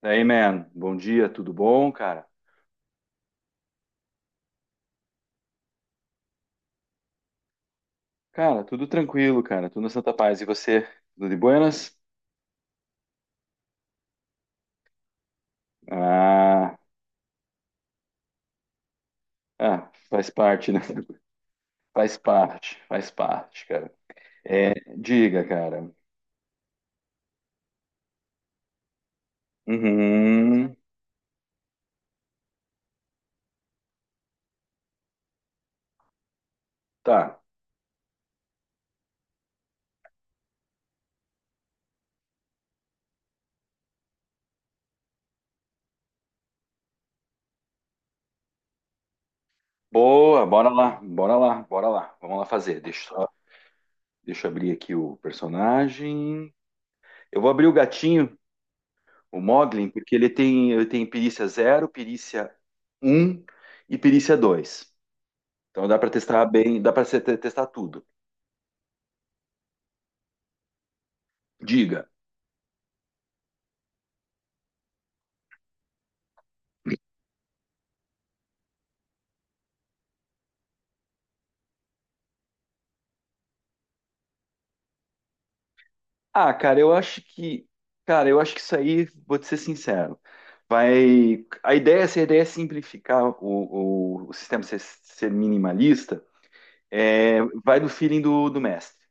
Daí, man, bom dia, tudo bom, cara? Cara, tudo tranquilo, cara, tudo na Santa Paz. E você, tudo de buenas? Ah, ah, faz parte, né? Faz parte, cara. É, diga, cara. Uhum, tá. Boa, bora lá, bora lá, bora lá. Vamos lá fazer. Deixa, deixa eu abrir aqui o personagem. Eu vou abrir o gatinho, o Moglin, porque ele tem perícia zero, perícia um e perícia 2. Então dá para testar bem, dá para testar tudo. Diga. Ah, cara, eu acho que, cara, eu acho que isso aí, vou te ser sincero, vai. A ideia, se a ideia é simplificar o sistema, ser minimalista, é, vai do feeling do mestre,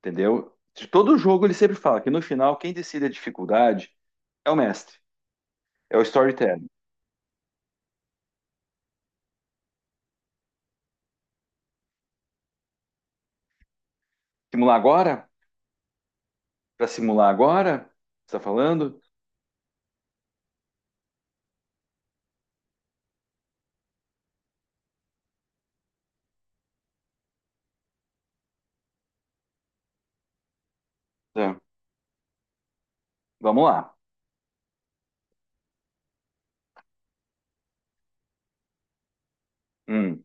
entendeu? De todo jogo ele sempre fala que no final quem decide a dificuldade é o mestre, é o storytelling. Simular agora? Para simular agora? Você tá falando? Tá. Vamos lá. Hum,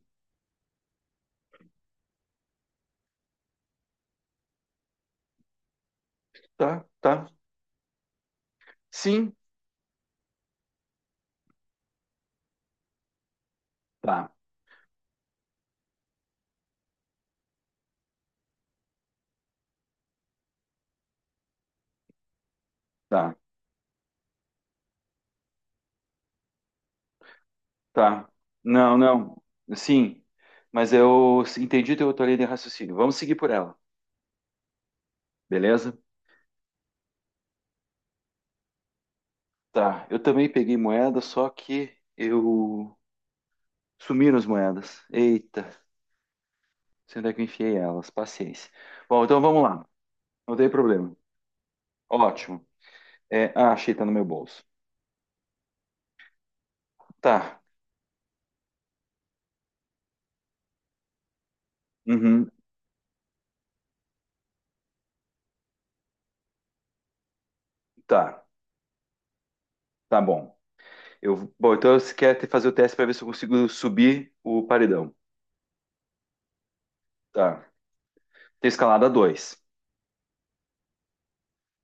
tá, tá. Sim, tá. Tá. Tá. Não, não. Sim. Mas eu entendi teu outra linha de raciocínio. Vamos seguir por ela, beleza? Tá. Eu também peguei moeda, só que eu sumiram as moedas. Eita, sei onde é que eu enfiei elas. Paciência. Bom, então vamos lá. Não tem problema. Ótimo. É, ah, achei, tá no meu bolso. Tá. Uhum. Tá. Tá bom. Eu, bom, então você quer fazer o teste para ver se eu consigo subir o paredão. Tá. Tem escalada dois.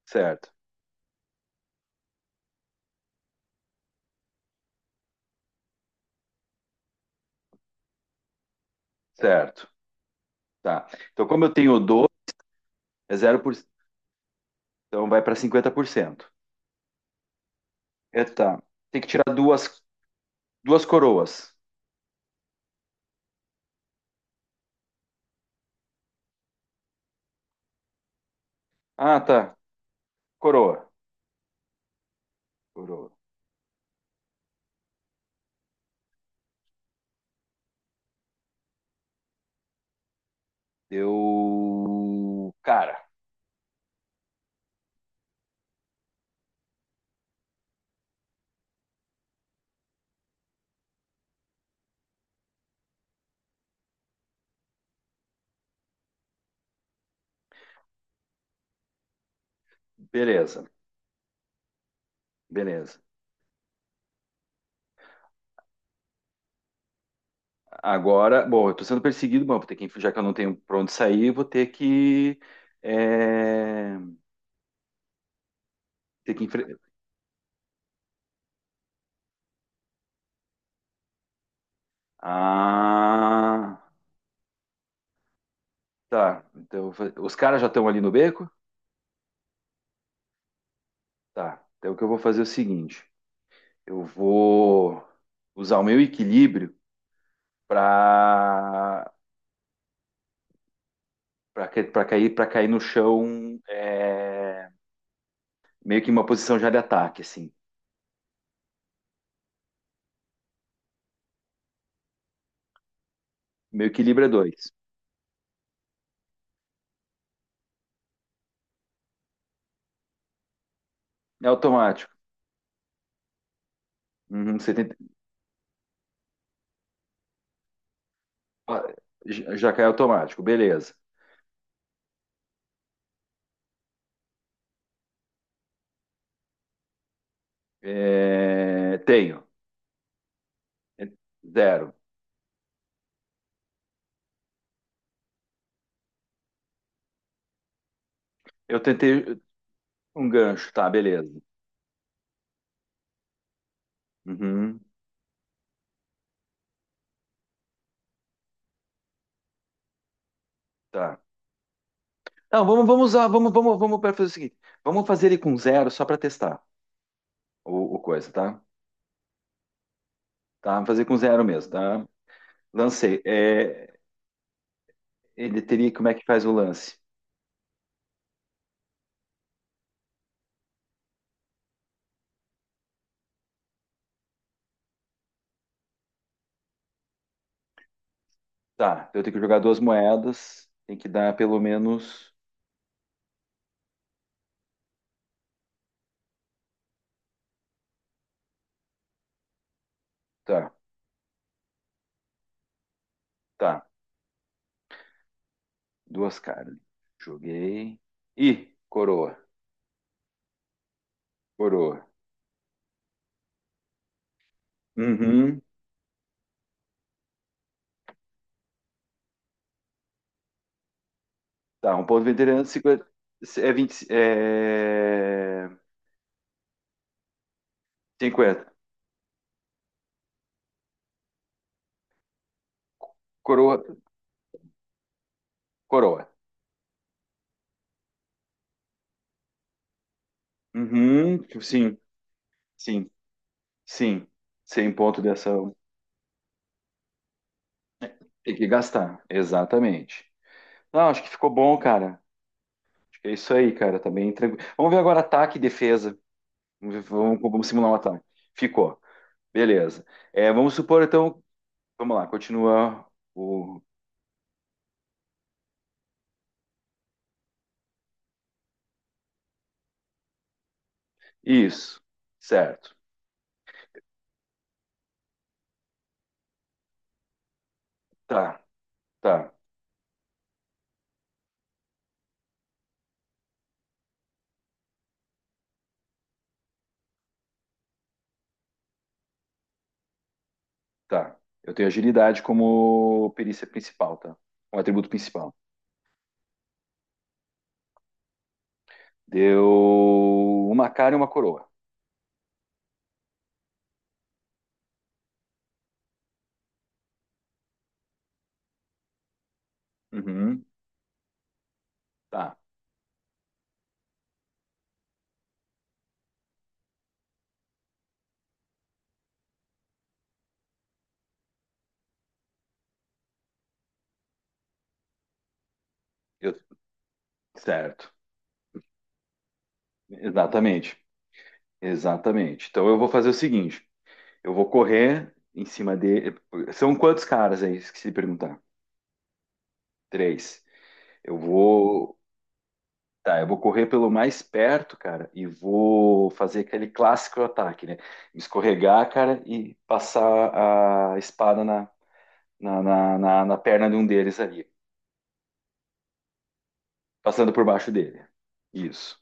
Certo. Certo. Tá. Então, como eu tenho 12, é 0%, então vai para 50%. É, tá. Tem que tirar duas coroas. Ah, tá. Coroa. Coroa. Eu. Cara, beleza. Beleza. Agora, bom, eu tô sendo perseguido, bom, vou ter que, já que eu não tenho pra onde sair, vou ter que. É, ter que enfrentar. Ah, tá. Então, eu vou os caras já estão ali no beco? Tá. Então, o que eu vou fazer é o seguinte: eu vou usar o meu equilíbrio para para cair no chão é, meio que em uma posição já de ataque, assim. Meu equilíbrio é dois. É automático. Uhum, 70 já já cai automático, beleza. É, tenho. É, zero. Eu tentei um gancho, tá, beleza. Uhum, tá. Não, vamos usar, vamos para fazer o seguinte. Vamos fazer ele com zero só para testar o coisa, tá? Tá, vamos fazer com zero mesmo, tá? Lancei. É, ele teria, como é que faz o lance? Tá, eu tenho que jogar duas moedas, tem que dar pelo menos. Tá, tá, duas carnes. Joguei. Ih, coroa, coroa. Uhum. Tá, um ponto veterano, 50, é 20, é 50. Coroa, coroa. Uhum, sim, sim, sim. Sem ponto de ação. Tem que gastar, exatamente. Não, acho que ficou bom, cara. É isso aí, cara. Tá bem tranquilo. Vamos ver agora ataque e defesa. Vamos simular um ataque. Ficou. Beleza. É, vamos supor, então. Vamos lá, continua o. Isso. Certo. Tá, tá, tá. Eu tenho agilidade como perícia principal, tá? Um atributo principal. Deu uma cara e uma coroa. Uhum. Tá. Eu... Certo. Exatamente. Exatamente. Então eu vou fazer o seguinte. Eu vou correr em cima dele. São quantos caras aí? Esqueci de perguntar. Três. Eu vou. Tá, eu vou correr pelo mais perto, cara, e vou fazer aquele clássico ataque, né? Escorregar, cara, e passar a espada na perna de um deles ali, passando por baixo dele. Isso.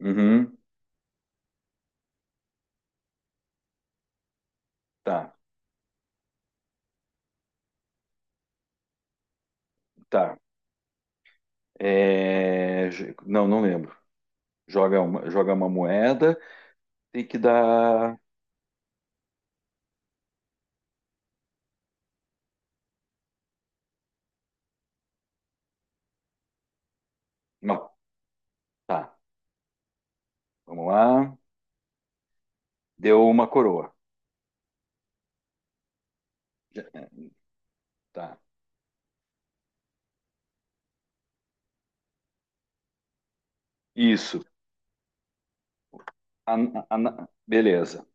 Uhum. Tá, tá. Não, não lembro. Joga uma moeda, tem que dar. Não, tá. Vamos lá. Deu uma coroa. Já- é, Tá. Isso. A- Beleza.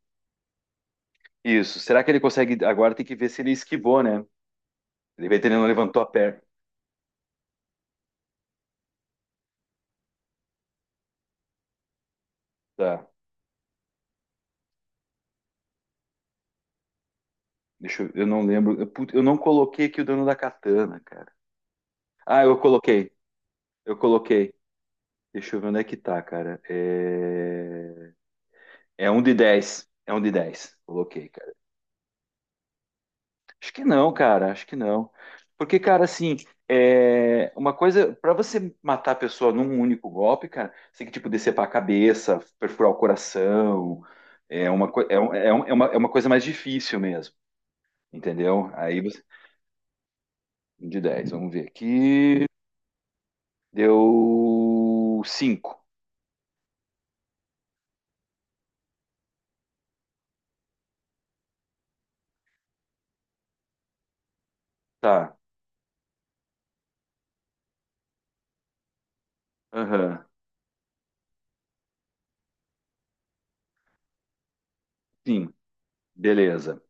Isso. Será que ele consegue? Agora tem que ver se ele esquivou, né? Ele vai ter, ele não levantou a perna. Tá. Deixa eu não lembro. Eu, eu não coloquei aqui o dano da katana, cara. Ah, eu coloquei. Eu coloquei. Deixa eu ver onde é que tá, cara. É, é um de 10. É um de 10. Coloquei. Acho que não, cara, acho que não. Porque, cara, assim, é uma coisa, para você matar a pessoa num único golpe, cara, você tem que, tipo, decepar a cabeça, perfurar o coração, é uma, é uma coisa mais difícil mesmo, entendeu? Aí você, um de dez, vamos ver aqui, deu cinco, tá, aham, sim, beleza,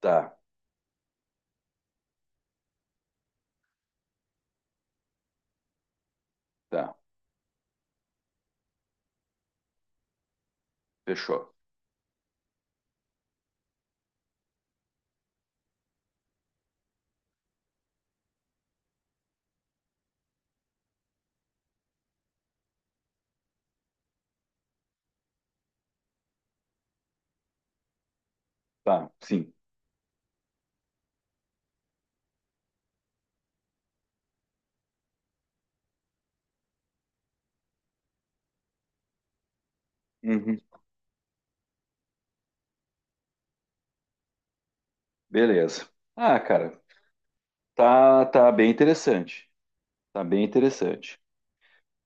tá, tá, fechou, tá, sim, uhum, beleza. Ah, cara, tá, tá bem interessante. Tá bem interessante.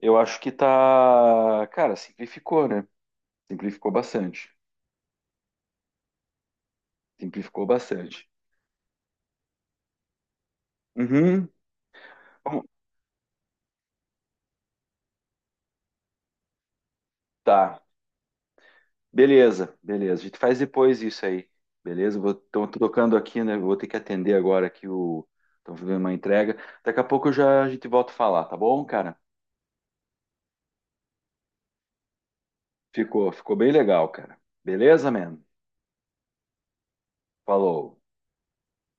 Eu acho que tá. Cara, simplificou, né? Simplificou bastante. Simplificou bastante. Uhum. Vamos- Tá. Beleza, beleza. A gente faz depois isso aí. Beleza? Vou... Estão tocando aqui, né? Vou ter que atender agora aqui o. Estão fazendo uma entrega. Daqui a pouco eu já a gente volta a falar, tá bom, cara? Ficou, ficou bem legal, cara. Beleza, man? Falou.